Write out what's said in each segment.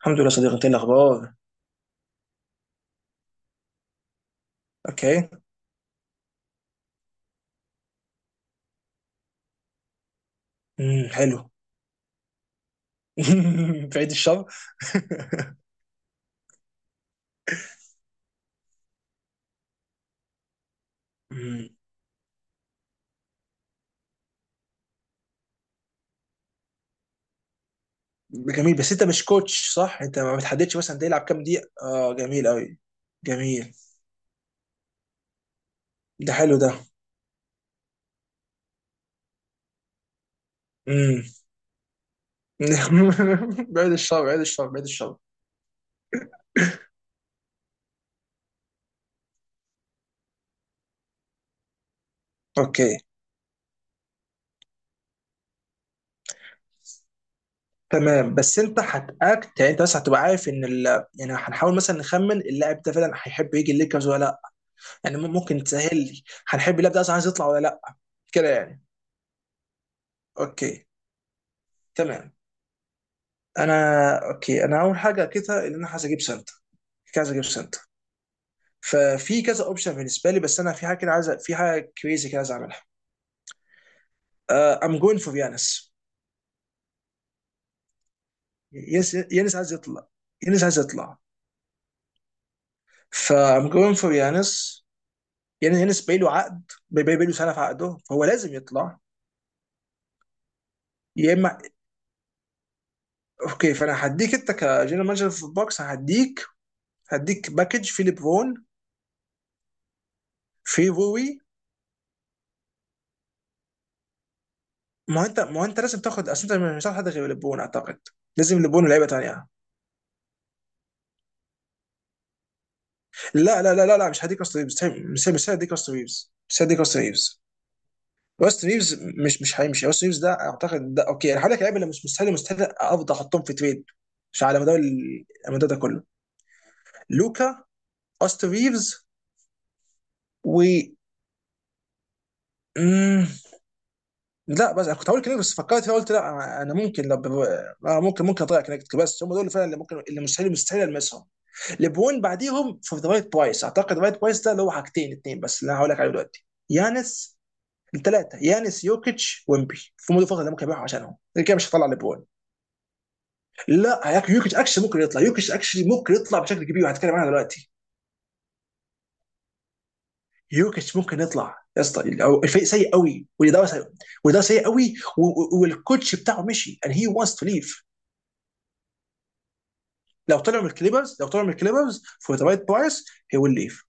الحمد لله صديقي. انت ايه الاخبار؟ اوكي. حلو. في عيد الشر. امم جميل، بس انت مش كوتش صح؟ انت ما بتحددش مثلا ده يلعب كام دقيقه؟ اه جميل قوي. جميل. ده حلو ده. امم بعيد الشر، بعيد الشر، بعيد الشر. اوكي تمام، بس انت هتاكت يعني، انت بس هتبقى عارف ان ال... يعني هنحاول مثلا نخمن اللاعب ده فعلا هيحب يجي الليكرز ولا لا. يعني ممكن تسهل لي، هنحب اللاعب ده اصلا عايز يطلع ولا لا، كده يعني. اوكي تمام. انا اوكي، انا اول حاجه كده ان انا عايز اجيب سنتر. عايز اجيب سنتر. ففي كذا اوبشن بالنسبه لي، بس انا في حاجه كده عايز، في حاجه كريزي كده عايز اعملها. ام جوين فور يانس. يانس، يانس عايز يطلع. يانس عايز يطلع. فام جوين فور يانس. يعني يانس باقي له عقد، باقي له سنه في عقده، فهو لازم يطلع. يا اما. اوكي، فانا هديك انت كجنرال مانجر في البوكس، هديك، هديك باكج في ليبرون، في روي. ما هو انت لازم تاخد، اصل انت مش هتاخد حد غير ليبرون اعتقد. لازم ليبرون ولعيبه تانيه. لا، مش هديك راست ريفز، مش هديك راست ريفز، مش هديك راست ريفز. راست ريفز مش هيمشي. راست ريفز ده اعتقد ده اوكي. انا هقول لك لعيبه اللي مش مستاهل افضل احطهم في تريد. مش على مدار ال- المدار ده كله. لوكا، راست ريفز و مم، لا. بس أنا كنت هقول كده، بس فكرت فيها قلت لا. انا ممكن لو ممكن، ممكن اضيع كونكت. بس هم دول اللي فعلا اللي ممكن، اللي مستحيل المسهم ليبرون بعديهم في ذا رايت برايس اعتقد. ذا رايت برايس ده اللي هو حاجتين اتنين بس اللي انا هقول لك عليه دلوقتي. يانس. الثلاثه: يانس، يوكيتش، ويمبي في مود الفتره اللي ممكن يبيعوا عشانهم، اللي كده مش هيطلع لبرون. لا، يوكيتش اكشلي ممكن يطلع. يوكيتش اكشلي ممكن يطلع بشكل كبير، وهتكلم عنها دلوقتي. يوكيتش ممكن يطلع يا اسطى، أو الفريق سيء قوي والاداره سيء. والاداره سيء قوي و والكوتش بتاعه مشي, and he wants to leave. لو طلعوا من الكليبرز، لو طلعوا من الكليبرز for the right price he will leave.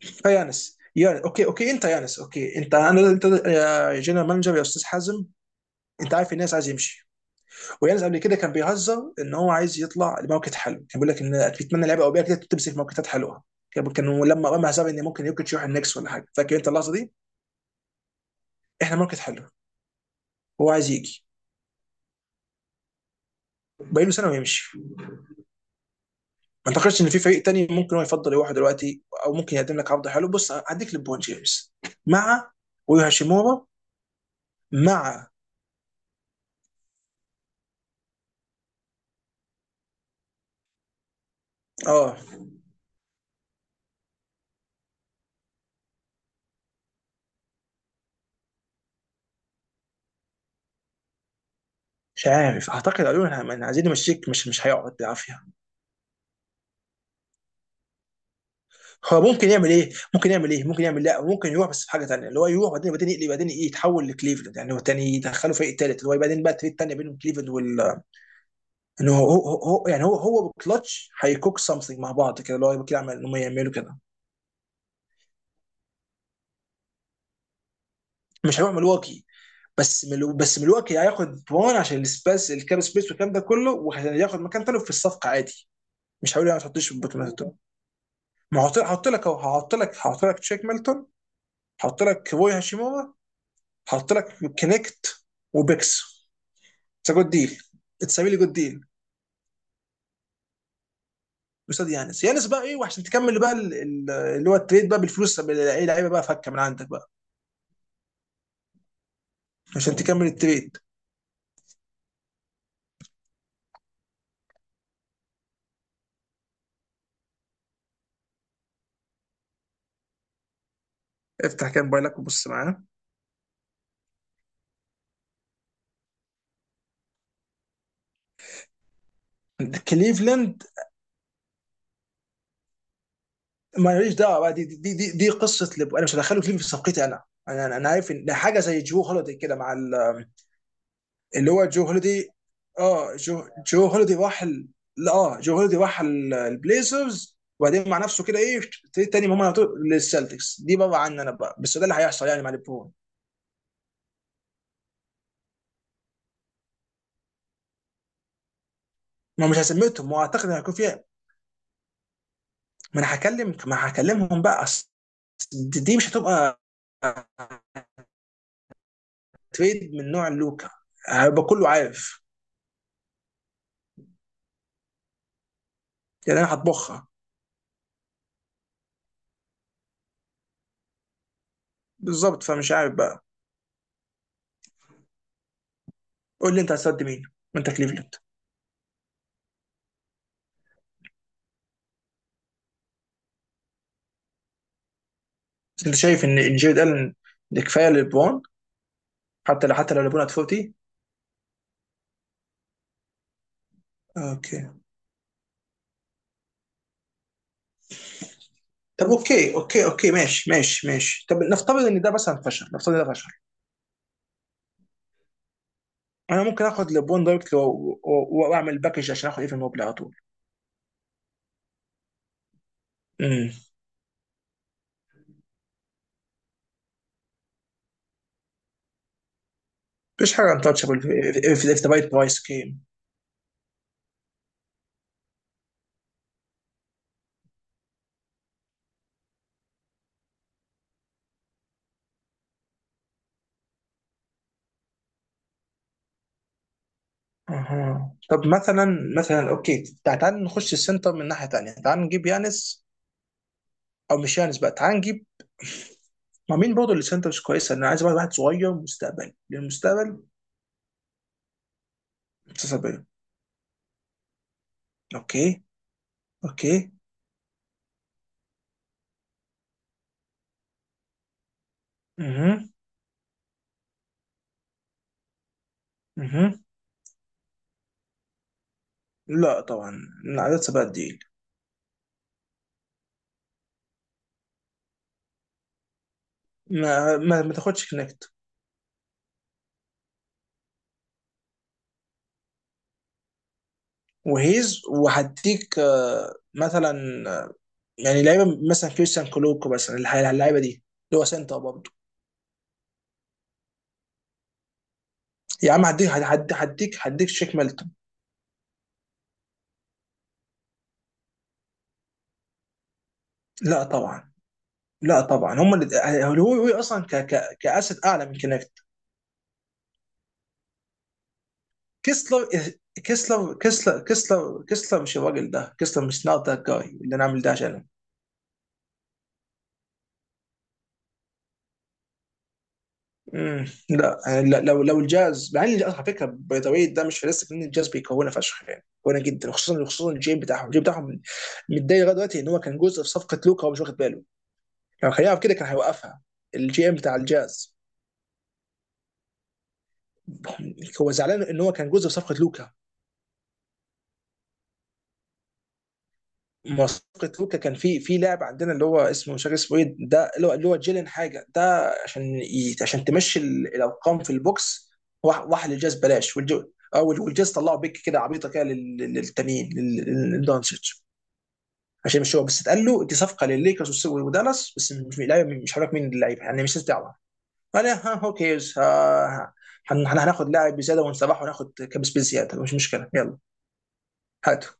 فيانس يا اوكي، اوكي انت يانس، اوكي انت، انا انت يا جنرال مانجر يا استاذ حازم. انت عارف الناس عايز يمشي. ويانز قبل كده كان بيهزر ان هو عايز يطلع لموكت حلو، كان بيقول لك ان بيتمنى لعيبه اوروبيه كده تمسك موكتات حلوه. كان لما رمى حساب ان ممكن يوكيتش يروح النكس ولا حاجه، فاكر انت اللحظه دي؟ احنا موكت حلو. هو عايز يجي. باقي له سنه ويمشي. ما اعتقدش ان في فريق تاني ممكن هو يفضل يروح دلوقتي، او ممكن يقدم لك عرض حلو. بص، هديك لبون جيمس مع، ويوهاشيمورا مع. اه مش عارف اعتقد قالوا لنا عايزين نمشيك، مش هيقعد بالعافيه. هو ممكن يعمل ايه؟ ممكن يعمل ايه؟ ممكن يعمل، لا ممكن يروح. بس في حاجه ثانيه اللي هو يروح بعدين يقلب بعدين، يتحول لكليفلاند. يعني هو تاني يدخله فريق ثالث اللي هو بعدين بقى التريد الثانيه بينهم كليفلاند وال، ان هو يعني هو وكلتش هيكوك سمثينج مع بعض كده اللي هو كده، عمل انهم يعملوا كده. مش هيروح ملواكي. بس ملواكي هياخد برون عشان السبيس، الكاب سبيس والكلام ده كله، وهياخد مكان ثاني في الصفقه عادي. مش هيقول يعني ما تحطيش بوت ميلتون. ما هحط هحط لك اهو، هحط لك تشيك ميلتون، هحط لك روي هاشيمورا، هحط لك كونكت وبيكس. اتس جود ديل. اتس ريلي جود ديل. قصاد يانس. يانس بقى ايه، وعشان تكمل بقى اللي هو التريد بقى بالفلوس، اي لعيبه بقى فكه من عندك بقى عشان تكمل التريد. افتح كان موبايلك وبص معاه. كليفلاند، ماليش دعوه بقى. دي قصه انا مش هدخله كليفلاند في صفقتي. انا أنا عارف ان ده حاجه زي جو هوليدي كده مع ال... اللي هو جو هوليدي. اه جو هوليدي راح لا، اه جو هوليدي راح البليزرز، وبعدين مع نفسه كده ايه ابتدي تاني هم على طول للسلتكس. دي بره عني انا بقى، بس ده اللي هيحصل يعني مع ليبرون. ما مش هسميتهم، واعتقد ان هيكون فيها. ما هكلمهم بقى، أصل دي مش هتبقى تريد من نوع لوكا، هيبقى كله عارف. يعني انا هطبخها. بالظبط، فمش عارف بقى. قول لي انت هتسد مين وانت كليفلاند. بس انت شايف ان جيرد الن ده كفايه للبون؟ حتى لو ليبرون هتفوتي. اوكي. طب اوكي، اوكي ماشي، ماشي. طب نفترض ان ده مثلا فشل، نفترض ان ده فشل. انا ممكن اخد لبون دايركت واعمل باكج عشان اخد ايفن موبل على طول. امم مفيش حاجه انتشبل في ذا رايت برايس جيم. اها طب مثلا، مثلا اوكي، تعال نخش السنتر من ناحيه ثانيه. تعال نجيب يانس، او مش يانس بقى. تعال نجيب، ما مين برضه اللي سنترز كويسه؟ انا عايز واحد صغير مستقبل، للمستقبل. مستقبل. اوكي. اوكي. اها. اها. لا طبعا، عدد سبعة دي. ما تاخدش كنكت. وهيز وهديك مثلا، آه، يعني لعيبه مثلا كريستيان كولوكو مثلا، اللعيبه دي اللي هو سنتر برضه. يا عم هديك، هديك، هديك شيك ميلتون. لا طبعا. لا طبعا هم اللي هو هو اصلا ك كاسد اعلى من كنكت. كيسلر، كيسلر، كيسلر مش الراجل ده. كيسلر مش نوت ذات جاي اللي انا عامل ده عشانه. لا يعني لو، لو الجاز، مع ان الجاز على فكره، باي ذا واي ده مش فلسفه، ان الجاز بيكونها فشخ. يعني كونها جدا، خصوصا، خصوصا الجيم بتاعهم، الجيم بتاعهم متضايق لغايه دلوقتي ان هو كان جزء في صفقه لوكا وهو مش واخد باله. لو كان يعرف كده كان هيوقفها. الجي ام بتاع الجاز هو زعلان ان هو كان جزء في صفقه لوكا. مسابقه لوكا كان في لاعب عندنا اللي هو اسمه، مش عارف اسمه ايه ده، اللي هو، اللي هو جيلين حاجه ده، عشان عشان تمشي الارقام في البوكس. واحد للجاز بلاش. والجو، او والجاز طلعوا بيك كده عبيطه كده، للتانيين، للدونتش. عشان مش هو بس اتقال له دي صفقه للليكرز ودالاس، بس مش لاعب. مش هقول لك مين اللعيبه، يعني مش دعوه. انا، ها هو كيرز، ها، ها- هناخد لاعب بزياده ونسبحه وناخد كابس بزياده، مش مشكله يلا. هاتوا.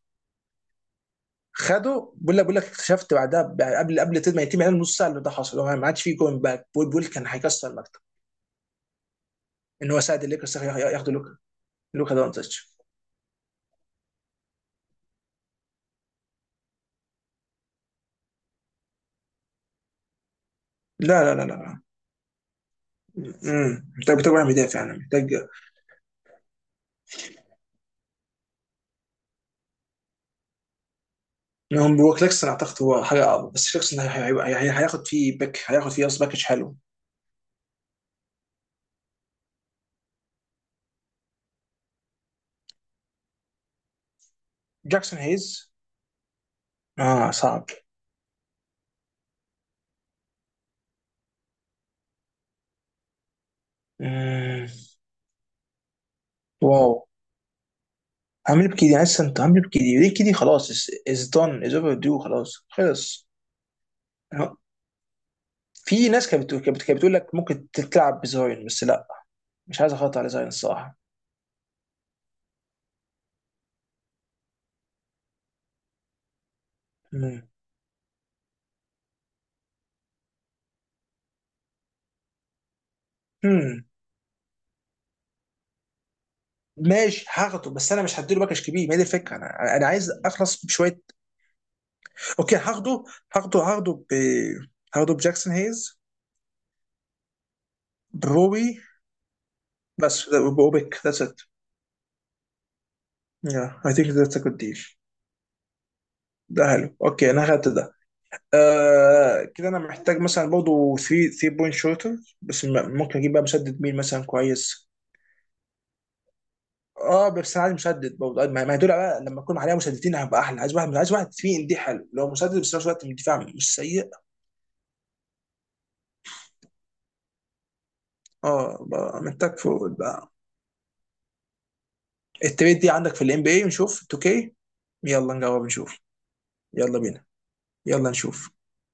خده. بقول لك، بقول لك اكتشفت بعدها قبل، قبل ما يتم اعلان نص ساعه اللي ده حصل، هو ما عادش فيه جوين باك. بول، بول كان هيكسر المكتب ان هو ساعد الليكرز ياخدوا لوكا. لوكا دونتش. لا، محتاج، محتاج واحد مدافع يعني، محتاج. هم، هو كليكسون اعتقد هو حاجه اقوى. بس كليكسون هياخد فيه باك، هياخد فيه قصدي باكج حلو. جاكسون هيز. اه صعب. امم واو. عامل بكده لسه، انت عامل بكده ليه كده؟ خلاص، از دون، از اوفر دو، خلاص خلص. في ناس كانت بتقول، كانت بتقول لك ممكن تلعب بزاين، بس لا. مش عايز اخاطر على زاين الصراحه. مم. مم. ماشي هاخده، بس انا مش هديله باكج كبير، ما هي دي الفكره، انا عايز اخلص بشويه. اوكي هاخده. هاخده ب، هاخده بجاكسون هيز، بروبي، بس، بوبك، ذاتس ات. يا اي ثينك ذاتس ا جود ديل. ده حلو. اوكي انا اخدت ده. آه كده انا محتاج مثلا برضه 3 بوينت شوتر. بس ممكن اجيب بقى مسدد مين مثلا كويس؟ اه بس انا عايز مسدد برضه. ما هي دول بقى لما اكون عليها مسددين هبقى احلى. عايز واحد، عايز واحد فيه ان دي حلو لو مسدد بس في نفس الوقت الدفاع مش سيء. اه بقى محتاج فوق بقى. التريد دي عندك في الام بي اي نشوف 2K. يلا نجرب نشوف. يلا بينا. يلا نشوف.